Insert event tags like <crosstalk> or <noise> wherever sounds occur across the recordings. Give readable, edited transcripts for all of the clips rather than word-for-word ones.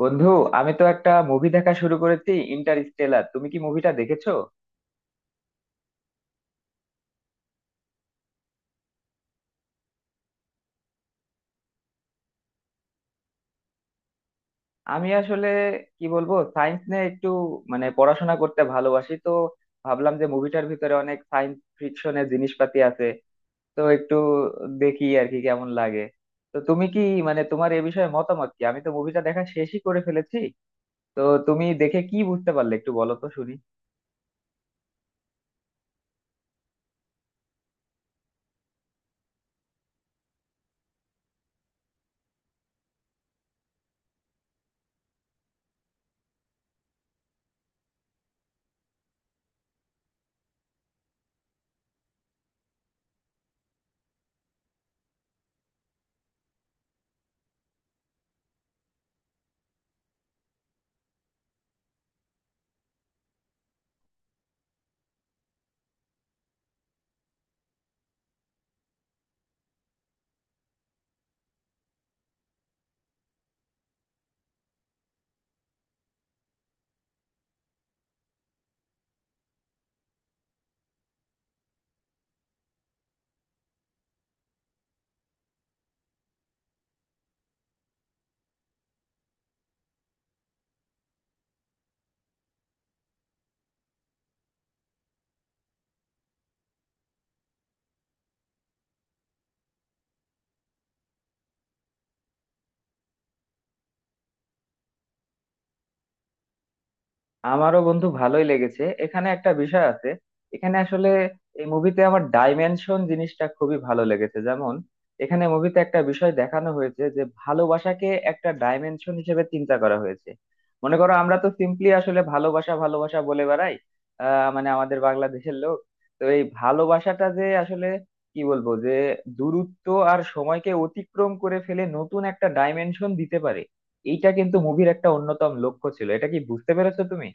বন্ধু, আমি তো একটা মুভি দেখা শুরু করেছি, ইন্টারস্টেলার। তুমি কি মুভিটা দেখেছো? আমি আসলে কি বলবো, সায়েন্স নিয়ে একটু মানে পড়াশোনা করতে ভালোবাসি তো, ভাবলাম যে মুভিটার ভিতরে অনেক সায়েন্স ফিকশনের জিনিসপাতি আছে, তো একটু দেখি আর কি কেমন লাগে। তো তুমি কি মানে তোমার এ বিষয়ে মতামত কি? আমি তো মুভিটা দেখা শেষই করে ফেলেছি। তো তুমি দেখে কি বুঝতে পারলে একটু বলো তো শুনি। আমারও বন্ধু ভালোই লেগেছে, এখানে একটা বিষয় আছে। এখানে আসলে এই মুভিতে আমার ডাইমেনশন জিনিসটা খুবই ভালো লেগেছে, যেমন এখানে মুভিতে একটা বিষয় দেখানো হয়েছে যে ভালোবাসাকে একটা ডাইমেনশন হিসেবে চিন্তা করা হয়েছে। মনে করো আমরা তো সিম্পলি আসলে ভালোবাসা ভালোবাসা বলে বেড়াই। মানে আমাদের বাংলাদেশের লোক। তো এই ভালোবাসাটা যে আসলে কি বলবো যে দূরত্ব আর সময়কে অতিক্রম করে ফেলে নতুন একটা ডাইমেনশন দিতে পারে। এইটা কিন্তু মুভির একটা অন্যতম লক্ষ্য ছিল, এটা কি বুঝতে পেরেছো তুমি?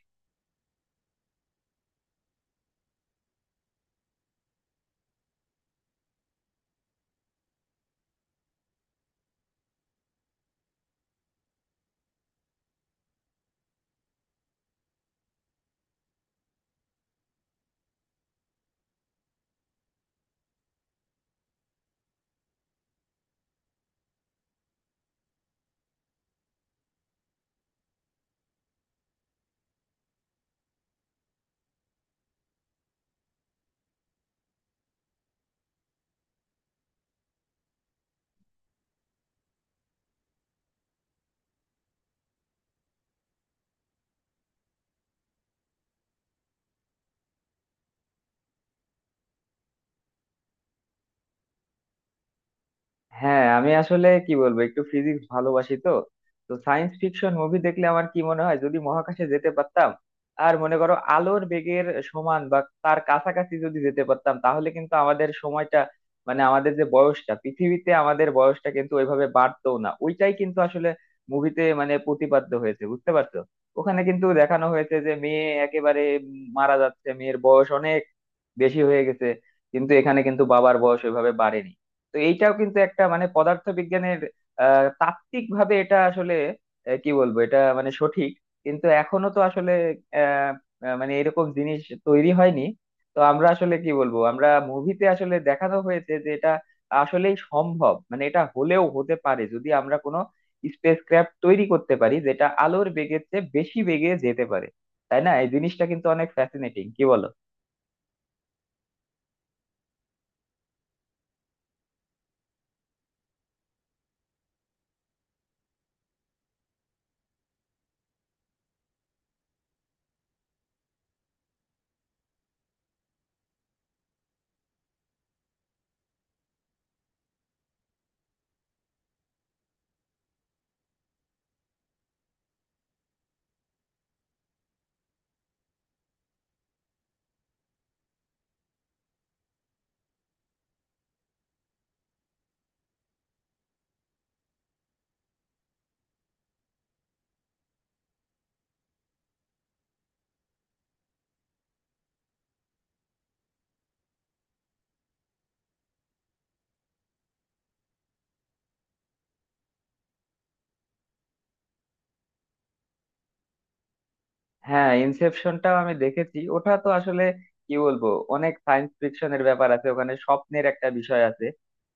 হ্যাঁ, আমি আসলে কি বলবো, একটু ফিজিক্স ভালোবাসি তো, তো সায়েন্স ফিকশন মুভি দেখলে আমার কি মনে হয়, যদি মহাকাশে যেতে পারতাম আর মনে করো আলোর বেগের সমান বা তার কাছাকাছি যদি যেতে পারতাম, তাহলে কিন্তু আমাদের সময়টা মানে আমাদের যে বয়সটা পৃথিবীতে, আমাদের বয়সটা কিন্তু ওইভাবে বাড়তো না। ওইটাই কিন্তু আসলে মুভিতে মানে প্রতিপাদ্য হয়েছে, বুঝতে পারছো? ওখানে কিন্তু দেখানো হয়েছে যে মেয়ে একেবারে মারা যাচ্ছে, মেয়ের বয়স অনেক বেশি হয়ে গেছে, কিন্তু এখানে কিন্তু বাবার বয়স ওইভাবে বাড়েনি। তো এইটাও কিন্তু একটা মানে পদার্থবিজ্ঞানের তাত্ত্বিক ভাবে এটা আসলে কি বলবো, এটা মানে সঠিক, কিন্তু এখনো তো আসলে আহ আহ, মানে এরকম জিনিস তৈরি হয়নি। তো আমরা আসলে কি বলবো, আমরা মুভিতে আসলে দেখানো হয়েছে যে এটা আসলেই সম্ভব, মানে এটা হলেও হতে পারে যদি আমরা কোনো স্পেসক্রাফট তৈরি করতে পারি যেটা আলোর বেগের চেয়ে বেশি বেগে যেতে পারে, তাই না? এই জিনিসটা কিন্তু অনেক ফ্যাসিনেটিং, কি বলো? হ্যাঁ, ইনসেপশনটাও আমি দেখেছি। ওটা তো আসলে কি বলবো, অনেক সায়েন্স ফিকশনের ব্যাপার আছে, ওখানে স্বপ্নের একটা বিষয় আছে।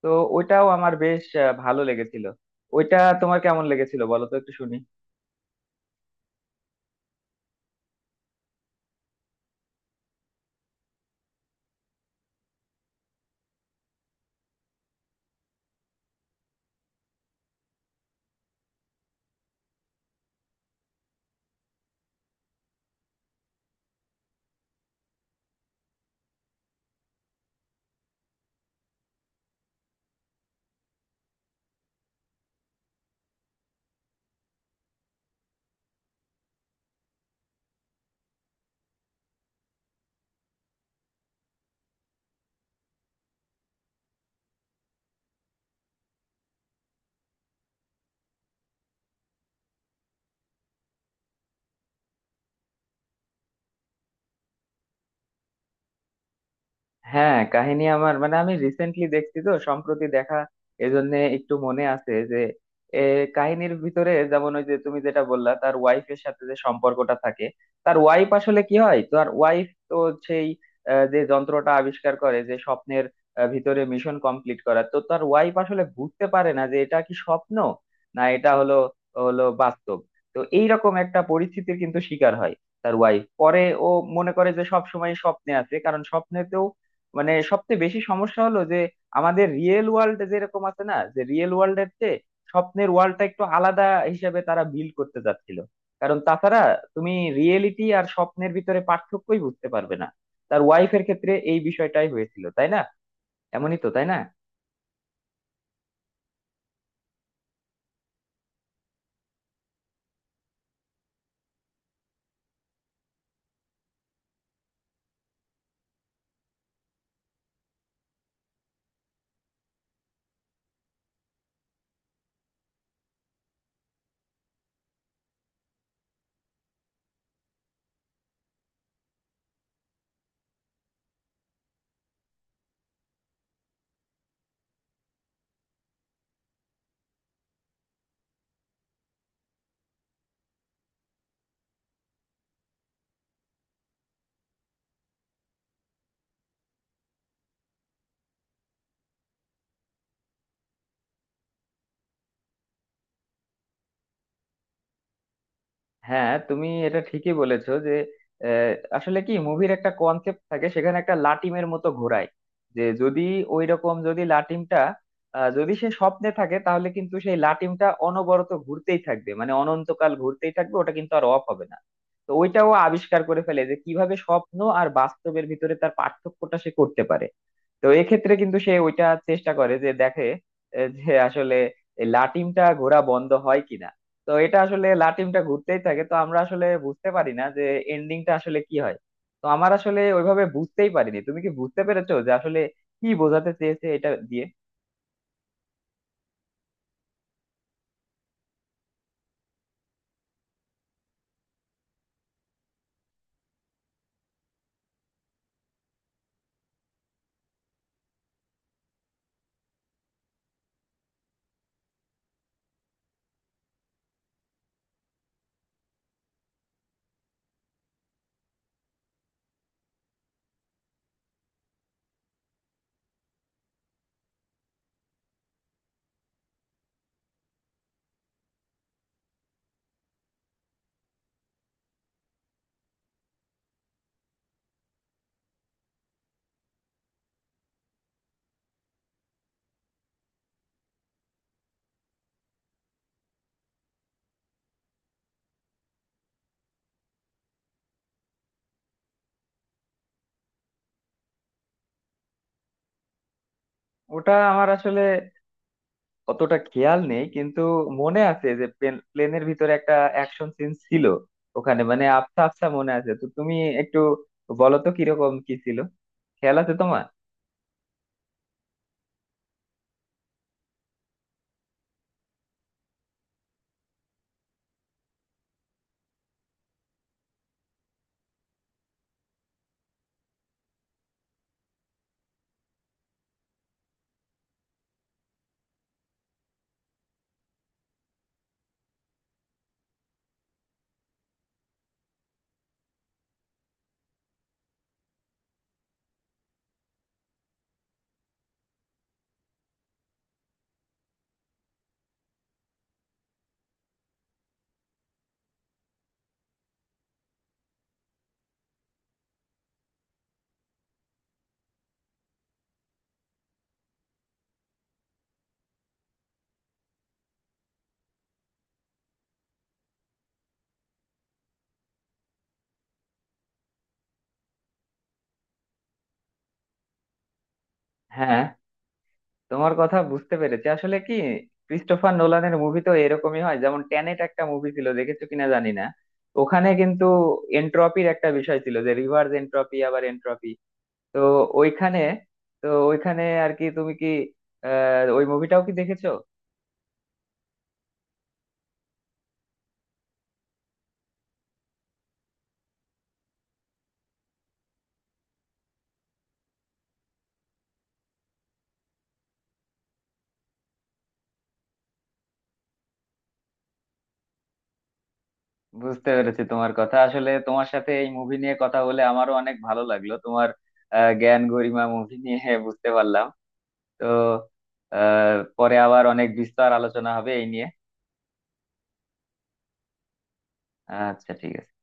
তো ওইটাও আমার বেশ ভালো লেগেছিল। ওইটা তোমার কেমন লেগেছিল বলো তো একটু শুনি। হ্যাঁ, কাহিনী আমার মানে আমি রিসেন্টলি দেখছি তো, সম্প্রতি দেখা, এজন্য একটু মনে আছে যে এ, কাহিনীর ভিতরে যেমন ওই যে তুমি যেটা বললা তার ওয়াইফের সাথে যে সম্পর্কটা থাকে, তার ওয়াইফ আসলে কি হয়, তার ওয়াইফ তো সেই যে যন্ত্রটা আবিষ্কার করে যে স্বপ্নের ভিতরে মিশন কমপ্লিট করা, তো তার ওয়াইফ আসলে বুঝতে পারে না যে এটা কি স্বপ্ন না এটা হলো হলো বাস্তব। তো এইরকম একটা পরিস্থিতির কিন্তু শিকার হয় তার ওয়াইফ, পরে ও মনে করে যে সব সময় স্বপ্নে আছে, কারণ স্বপ্নেতেও মানে সবচেয়ে বেশি সমস্যা হলো যে আমাদের রিয়েল ওয়ার্ল্ড যেরকম আছে না, যে রিয়েল ওয়ার্ল্ডের চেয়ে স্বপ্নের ওয়ার্ল্ডটা একটু আলাদা হিসেবে তারা বিল্ড করতে চাচ্ছিল, কারণ তাছাড়া তুমি রিয়েলিটি আর স্বপ্নের ভিতরে পার্থক্যই বুঝতে পারবে না। তার ওয়াইফের ক্ষেত্রে এই বিষয়টাই হয়েছিল তাই না, এমনই তো তাই না? হ্যাঁ, তুমি এটা ঠিকই বলেছো যে আহ, আসলে কি মুভির একটা কনসেপ্ট থাকে, সেখানে একটা লাটিমের মতো ঘোরায় যে যদি ওই রকম যদি লাটিমটা যদি সে স্বপ্নে থাকে তাহলে কিন্তু সেই লাটিমটা অনবরত ঘুরতেই থাকবে, মানে অনন্তকাল ঘুরতেই থাকবে, ওটা কিন্তু আর অফ হবে না। তো ওইটাও আবিষ্কার করে ফেলে যে কিভাবে স্বপ্ন আর বাস্তবের ভিতরে তার পার্থক্যটা সে করতে পারে। তো এক্ষেত্রে কিন্তু সে ওইটা চেষ্টা করে যে দেখে যে আসলে এই লাটিমটা ঘোরা বন্ধ হয় কিনা। তো এটা আসলে লাটিমটা ঘুরতেই থাকে, তো আমরা আসলে বুঝতে পারি না যে এন্ডিংটা আসলে কি হয়। তো আমার আসলে ওইভাবে বুঝতেই পারিনি, তুমি কি বুঝতে পেরেছো যে আসলে কি বোঝাতে চেয়েছে এটা দিয়ে? ওটা আমার আসলে অতটা খেয়াল নেই, কিন্তু মনে আছে যে প্লেনের ভিতরে একটা অ্যাকশন সিন ছিল ওখানে, মানে আবছা আবছা মনে আছে। তো তুমি একটু বলো তো কিরকম কি ছিল, খেয়াল আছে তোমার? হ্যাঁ, তোমার কথা বুঝতে পেরেছি। আসলে কি, ক্রিস্টোফার নোলানের মুভি তো এরকমই হয়, যেমন ট্যানেট একটা মুভি ছিল, দেখেছো কিনা জানি না। ওখানে কিন্তু এনট্রপির একটা বিষয় ছিল যে রিভার্স এনট্রপি আবার এনট্রপি। তো ওইখানে তো ওইখানে আর কি তুমি কি ওই মুভিটাও কি দেখেছো? বুঝতে পেরেছি তোমার কথা। আসলে তোমার সাথে এই মুভি নিয়ে কথা বলে আমারও অনেক ভালো লাগলো, তোমার জ্ঞান গরিমা মুভি নিয়ে <laughs> বুঝতে পারলাম। তো পরে আবার অনেক বিস্তার আলোচনা হবে এই নিয়ে। আচ্ছা ঠিক আছে।